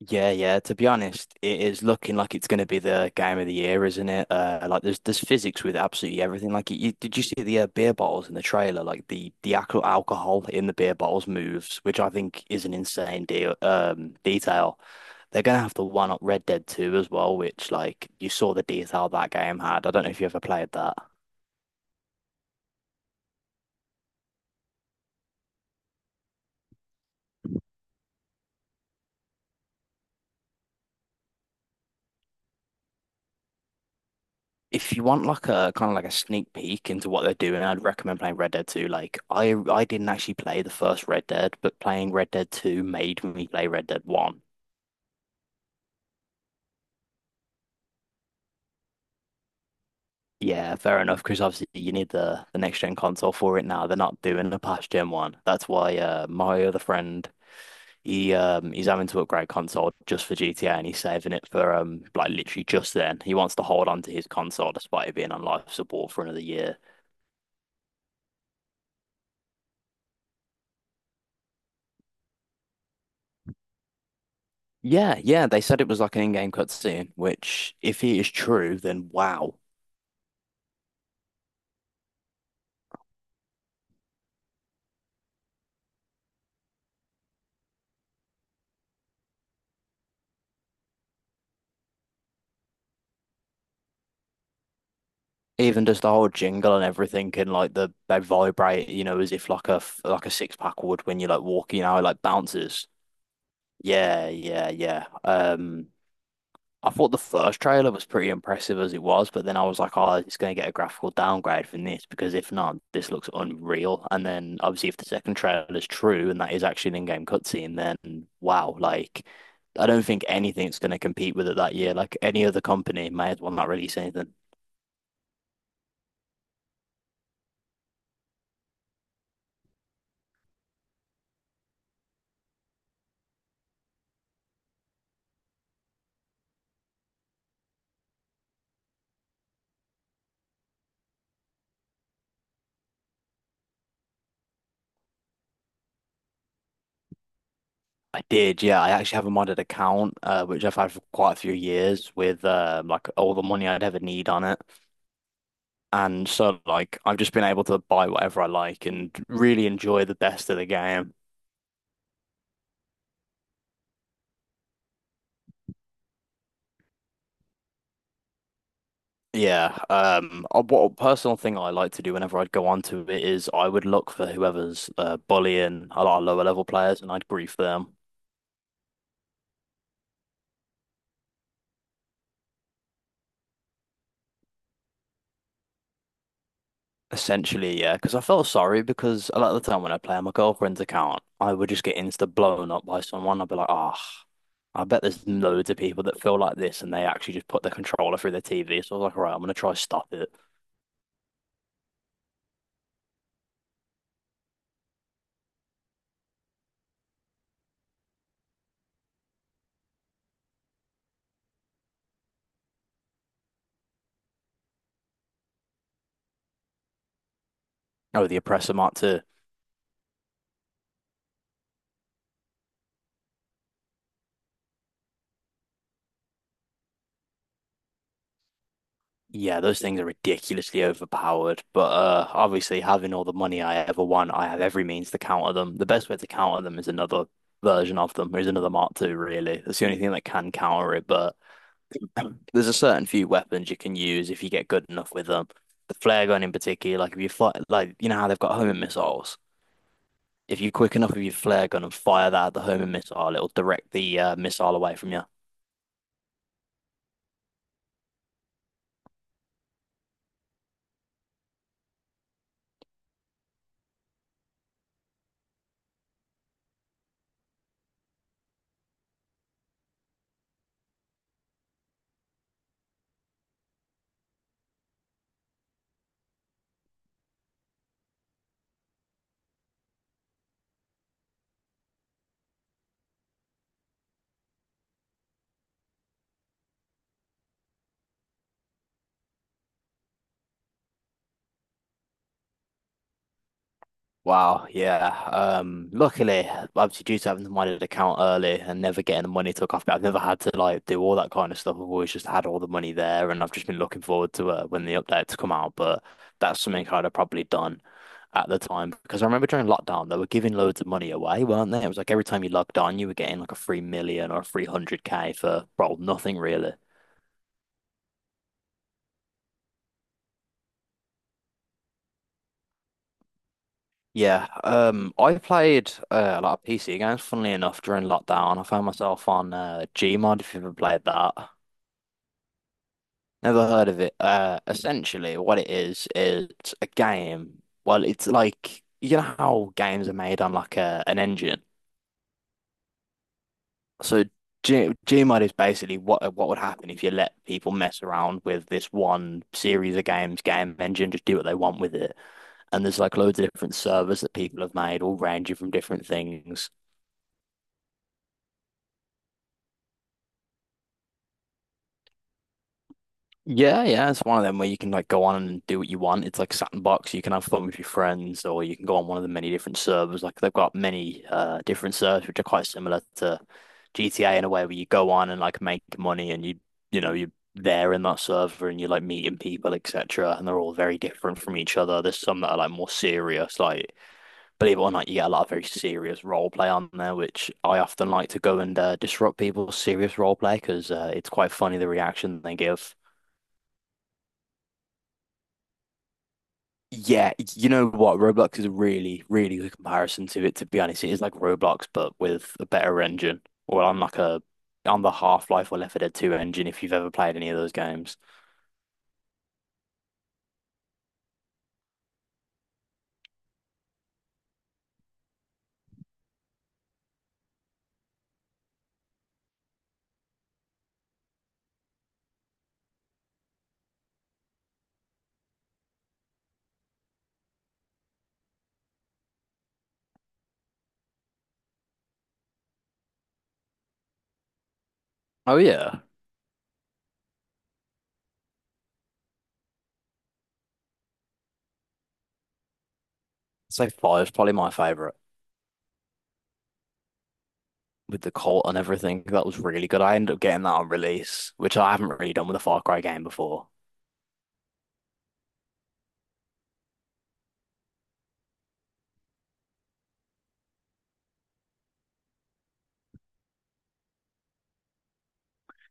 Yeah, yeah. To be honest, it is looking like it's going to be the game of the year, isn't it? Like there's physics with absolutely everything. Like you, did you see the beer bottles in the trailer? Like the actual alcohol in the beer bottles moves, which I think is an insane deal. Detail. They're gonna have to one up Red Dead 2 as well, which like you saw the detail that game had. I don't know if you ever played that. If you want like a kind of like a sneak peek into what they're doing, I'd recommend playing Red Dead 2. Like I didn't actually play the first Red Dead, but playing Red Dead 2 made me play Red Dead 1. Yeah, fair enough, because obviously you need the next gen console for it now. They're not doing the past gen one. That's why my other friend he's having to upgrade console just for GTA and he's saving it for like literally just then. He wants to hold on to his console despite it being on life support for another year. Yeah, yeah, they said it was like an in-game cutscene, which if it is true, then wow. Even just the whole jingle and everything and like they vibrate, you know, as if like a like a six pack would when you're like walking, you know, it, like bounces. Yeah, yeah, yeah. I thought the first trailer was pretty impressive as it was, but then I was like, oh, it's going to get a graphical downgrade from this because if not, this looks unreal. And then obviously, if the second trailer is true and that is actually an in-game cutscene, then wow, like I don't think anything's going to compete with it that year. Like any other company may as well not release anything. I did, yeah. I actually have a modded account, which I've had for quite a few years with like all the money I'd ever need on it. And so, like, I've just been able to buy whatever I like and really enjoy the best of the game. Yeah. What a personal thing I like to do whenever I'd go onto it is I would look for whoever's bullying a lot of lower level players and I'd grief them. Essentially, yeah, because I felt sorry because a lot of the time when I play on my girlfriend's account, I would just get insta blown up by someone. I'd be like, ah, I bet there's loads of people that feel like this and they actually just put the controller through their TV. So I was like, all right, I'm gonna try stop it. Oh, the oppressor mark too. Yeah, those things are ridiculously overpowered. But obviously, having all the money I ever want, I have every means to counter them. The best way to counter them is another version of them, is another Mark II, really. That's the only thing that can counter it. But there's a certain few weapons you can use if you get good enough with them. The flare gun in particular, like if you fight, like you know how they've got homing missiles. If you're quick enough with your flare gun and fire that at the homing missile, it'll direct the missile away from you. Wow, yeah. Luckily, obviously due to having the money account early and never getting the money took off, but I've never had to like do all that kind of stuff. I've always just had all the money there, and I've just been looking forward to when the updates come out. But that's something I'd have probably done at the time because I remember during lockdown they were giving loads of money away, weren't they? It was like every time you logged on, you were getting like a free million or a 300k for, well, nothing really. Yeah, I played a lot of PC games, funnily enough, during lockdown. I found myself on Gmod, if you've ever played that. Never heard of it. Essentially, what it is it's a game. Well, it's like you know how games are made on like a an engine. So G Gmod is basically what would happen if you let people mess around with this one series of games, game engine, just do what they want with it. And there's like loads of different servers that people have made, all ranging from different things. Yeah, yeah, it's one of them where you can like go on and do what you want. It's like sandbox. You can have fun with your friends, or you can go on one of the many different servers. Like they've got many different servers which are quite similar to GTA in a way where you go on and like make money, and you know you're there in that server and you're like meeting people, etc. And they're all very different from each other. There's some that are like more serious. Like believe it or not, you get a lot of very serious role play on there, which I often like to go and disrupt people's serious role play because it's quite funny the reaction they give. Yeah, you know what? Roblox is a really, really good comparison to it, to be honest. It is like Roblox, but with a better engine, or on like a on the Half-Life or Left 4 Dead 2 engine, if you've ever played any of those games. Oh yeah. I Five is probably my favorite with the cult and everything. That was really good. I ended up getting that on release, which I haven't really done with a Far Cry game before.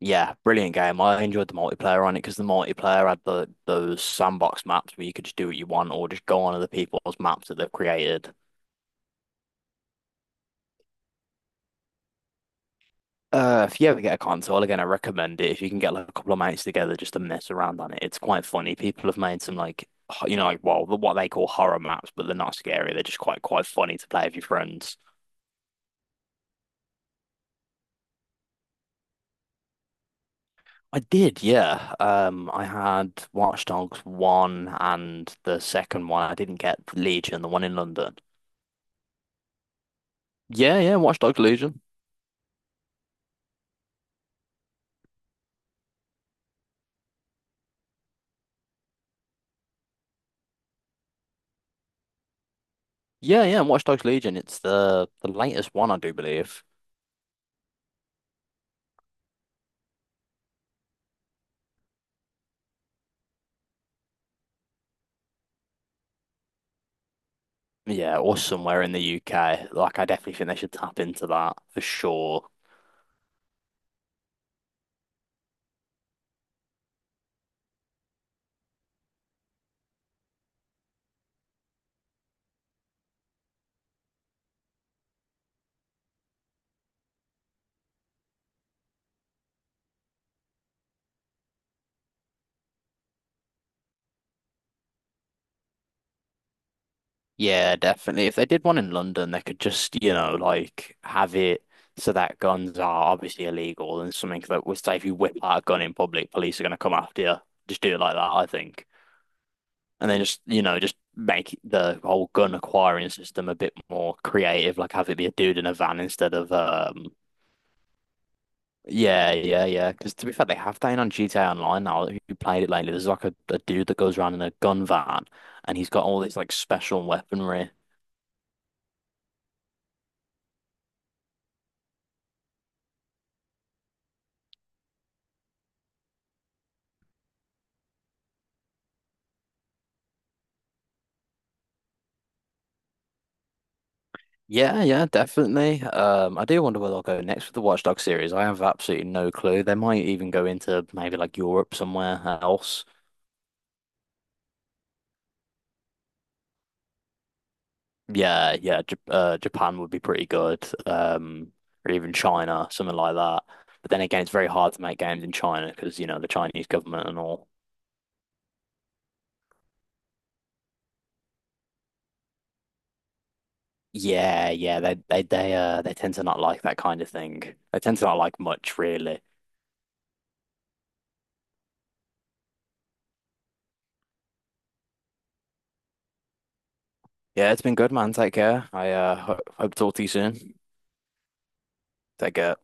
Yeah, brilliant game. I enjoyed the multiplayer on it because the multiplayer had the those sandbox maps where you could just do what you want or just go on other people's maps that they've created. If you ever get a console, again, I recommend it. If you can get like a couple of mates together just to mess around on it, it's quite funny. People have made some like, you know, like what they call horror maps, but they're not scary. They're just quite funny to play with your friends. I did, yeah. I had Watch Dogs one and the second one. I didn't get Legion, the one in London. Yeah, yeah, Watch Dogs Legion. Yeah, yeah, Watch Dogs Legion. It's the latest one, I do believe. Yeah, or somewhere in the UK. Like, I definitely think they should tap into that for sure. Yeah, definitely. If they did one in London, they could just, you know, like have it so that guns are obviously illegal and something that would say if you whip out a gun in public, police are going to come after you. Just do it like that, I think. And then just, you know, just make the whole gun acquiring system a bit more creative, like have it be a dude in a van instead of, yeah, yeah, yeah. Because to be fair, they have that in on GTA Online now. If you played it lately, there's like a dude that goes around in a gun van and he's got all this like special weaponry. Yeah, yeah, definitely. I do wonder where they'll go next with the Watch Dogs series. I have absolutely no clue. They might even go into maybe like Europe somewhere else. Yeah, yeah, J Japan would be pretty good. Or even China, something like that. But then again, it's very hard to make games in China because, you know, the Chinese government and all. Yeah, yeah, they they tend to not like that kind of thing. They tend to not like much, really. Yeah, it's been good, man. Take care. I ho Hope to talk to you soon. Take care.